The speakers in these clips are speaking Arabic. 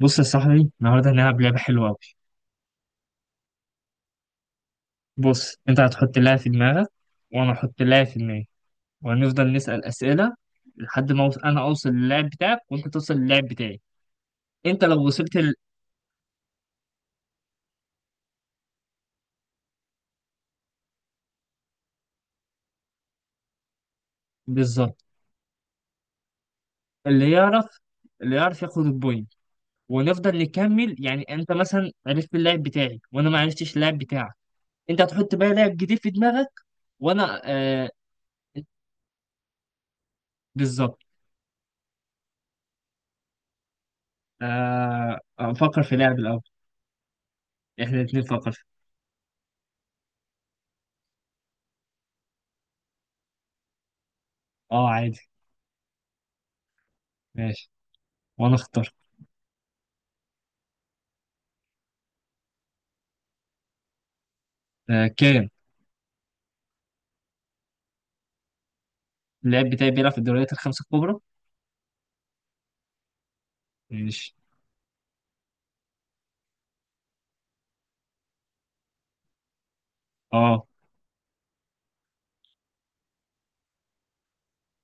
بص يا صاحبي النهارده هنلعب لعبة حلوة أوي. بص أنت هتحط لاعب في دماغك وأنا هحط لاعب في دماغي وهنفضل نسأل أسئلة لحد ما أنا أوصل للاعب بتاعك وأنت توصل للاعب بتاعي. أنت لو وصلت ال... بالظبط، اللي يعرف، اللي يعرف ياخد البوينت، ونفضل نكمل. يعني أنت مثلا عرفت اللاعب بتاعي وأنا ما عرفتش اللاعب بتاعك، أنت هتحط بقى لاعب جديد في دماغك وأنا بالظبط. أفكر في لاعب الأول. إحنا الاتنين نفكر في، أه عادي. ماشي، وأنا أختار. آه كام؟ اللاعب بتاعي بيلعب في الدوريات الخمسة الكبرى. ماشي. اه.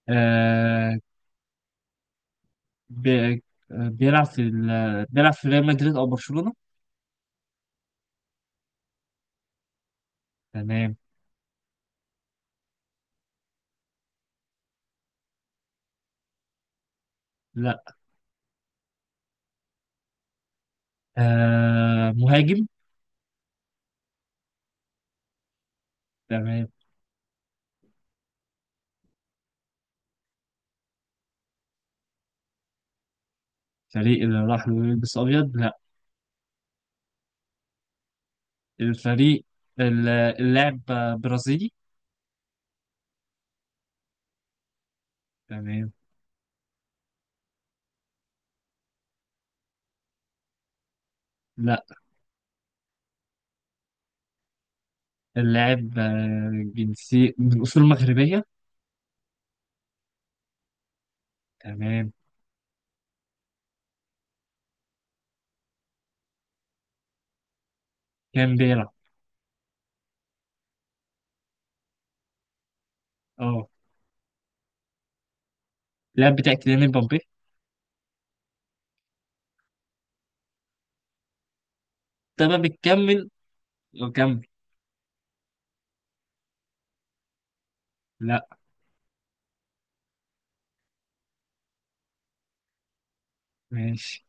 آه، بي- آه، بيلعب بيلعب في ريال مدريد أو برشلونة. تمام. لا. آه مهاجم. تمام. الفريق اللي راح له يلبس أبيض لا. الفريق. اللاعب برازيلي. تمام. لا. اللاعب جنسي من أصول مغربية. تمام. كان بيلعب. اه. اللاعب بتاعي كيليان مبابي. تمام، بتكمل وكمل. لا. ماشي،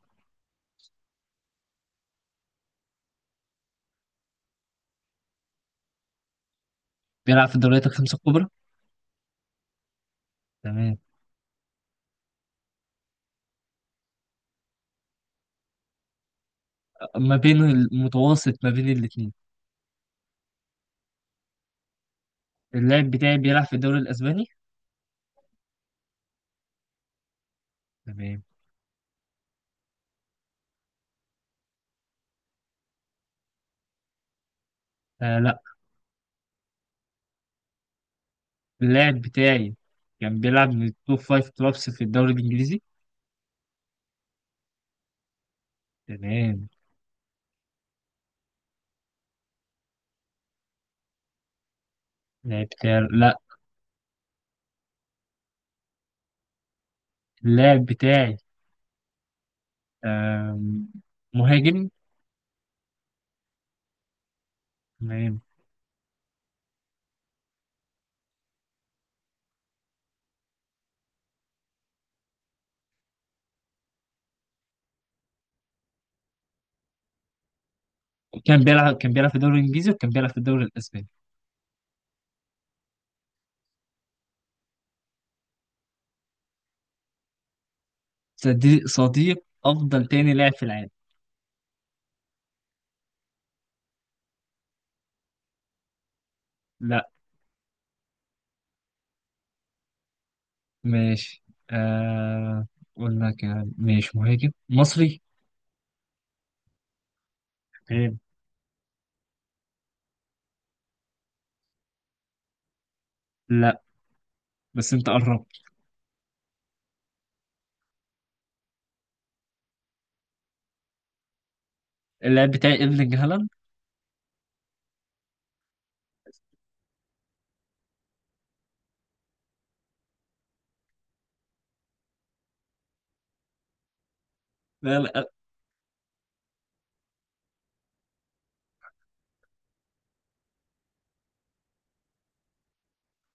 بيلعب في الدوريات الخمسة الكبرى. تمام. ما بين المتوسط، ما بين الاتنين. اللاعب بتاعي بيلعب في الدوري الأسباني. تمام. آه لا. اللاعب بتاعي كان بيلعب من التوب فايف كلوبس في الدوري الإنجليزي. تمام. اللاعب بتاعي لا. اللاعب بتاعي آم، مهاجم. تمام. كان بيلعب في الدوري الإنجليزي وكان بيلعب في الدوري الأسباني. صديق أفضل تاني لاعب في العالم. لا. ماشي. آه، قلنا كان ماشي، مهاجم مصري. تمام. لا بس انت قربت. اللاعب بتاعي ايرلينج هالاند. لا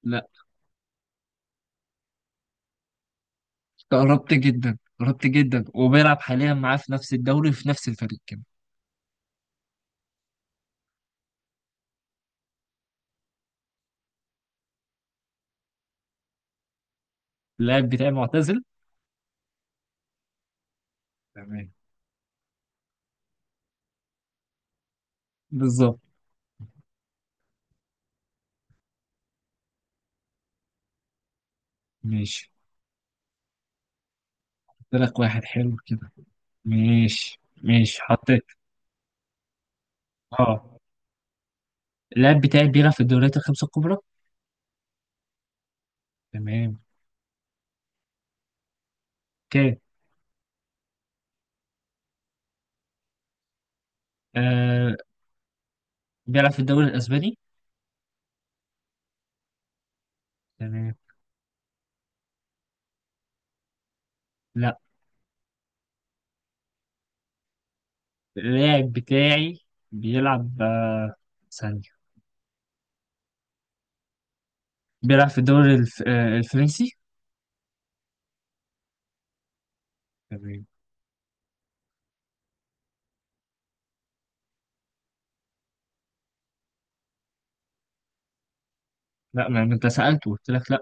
لا انت قربت جدا، قربت جدا، وبيلعب حاليا معاه في نفس الدوري وفي نفس الفريق كمان. اللاعب بتاعي معتزل. تمام. بالظبط. ماشي، قلت لك واحد حلو كده. ماشي ماشي حطيت. اه. اللاعب بتاعي بيلعب في الدوريات الخمسة الكبرى. تمام. اوكي. آه بيلعب في الدوري الاسباني. تمام. لا. اللاعب بتاعي بيلعب آه، ثانية، بيلعب آه الفرنسي. تمام. لا ما انت سألته قلت لك لا.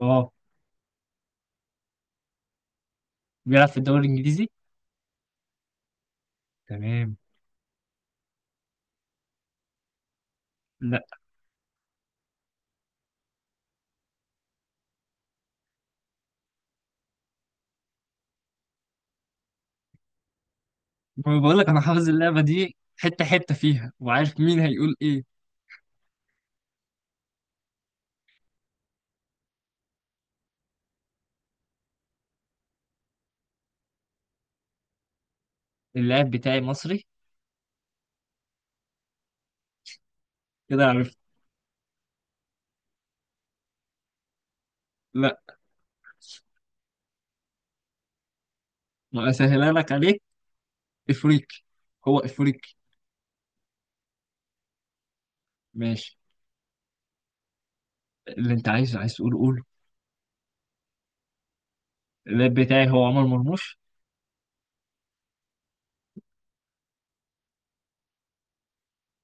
اه، بيلعب في الدوري الانجليزي. تمام. لا، ما بقول لك انا حافظ اللعبه دي حته حته فيها وعارف مين هيقول ايه. اللاعب بتاعي مصري. كده عرفت. لا، ما اسهلها لك عليك. افريقي، هو افريقي. ماشي، اللي انت عايزه عايز تقول قوله. اللاعب بتاعي هو عمر مرموش.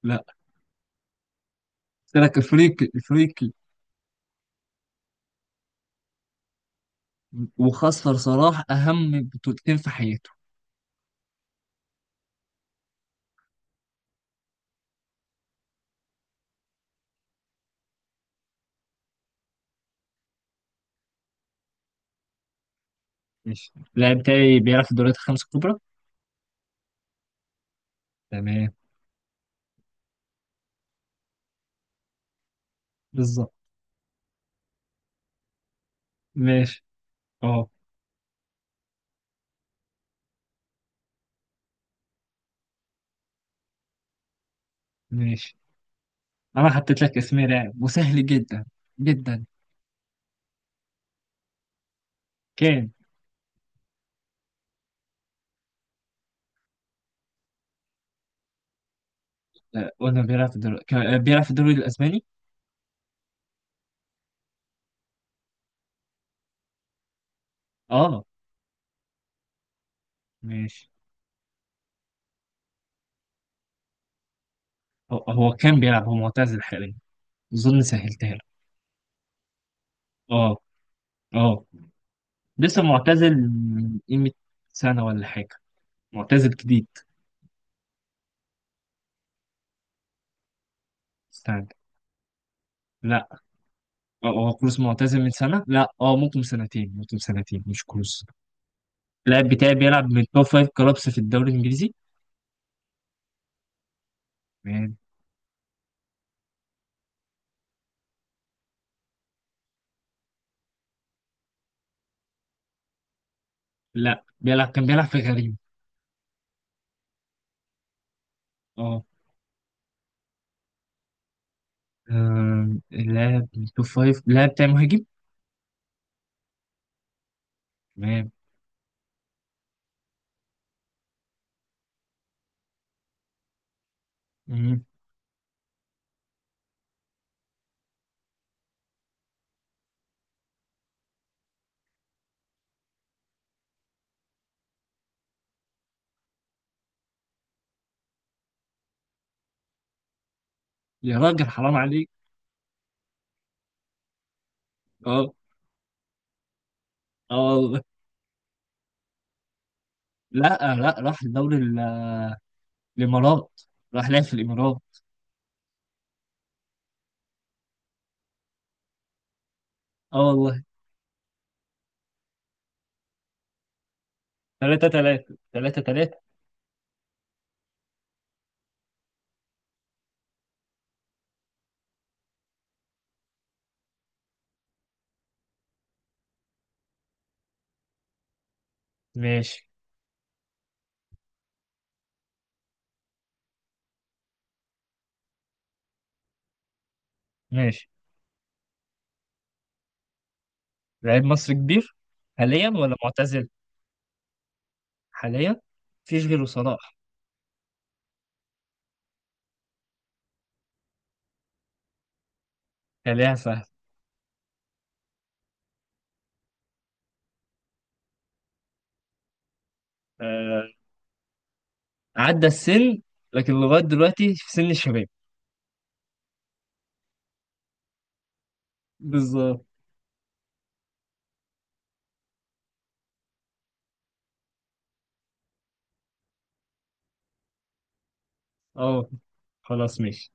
لا، قلت لك افريقي افريقي. وخسر صلاح اهم بطولتين في حياته. ماشي، اللاعب بتاعي بيلعب في الدوريات الخمس الكبرى. تمام. بالظبط. ماشي. اه ماشي. انا حطيت لك اسمين لاعب وسهل جدا جدا. كان. آه، قلنا بيلعب في الدوري آه، بيلعب في الدوري الاسباني. اه ماشي. هو كان بيلعب، هو معتزل حاليا. اظن سهلتها لك. اه اه. لسه معتزل من قيمة سنة ولا حاجة، معتزل جديد. استنى. لا. آه، هو كروس معتزل من سنة، لا اه ممكن سنتين، ممكن سنتين. مش كروس. اللاعب بتاعي بيلعب من توب فايف كلابس في الدوري الانجليزي. مان. لا، بيلعب كان بيلعب في غريم. اه. آه، اللاعب التوب فايف، اللاعب بتاع مهاجم. تمام. مم. يا راجل حرام عليك. اه اه والله. لا. آه، لا، راح الدوري الامارات، راح لعب في الامارات. اه والله. 3 3 3 3. ماشي ماشي. لاعب مصري كبير، حاليا ولا معتزل؟ حاليا. مفيش غيره صلاح. خليها سهل. آه. عدى السن لكن لغايه دلوقتي في سن الشباب. بالظبط. اه خلاص ماشي.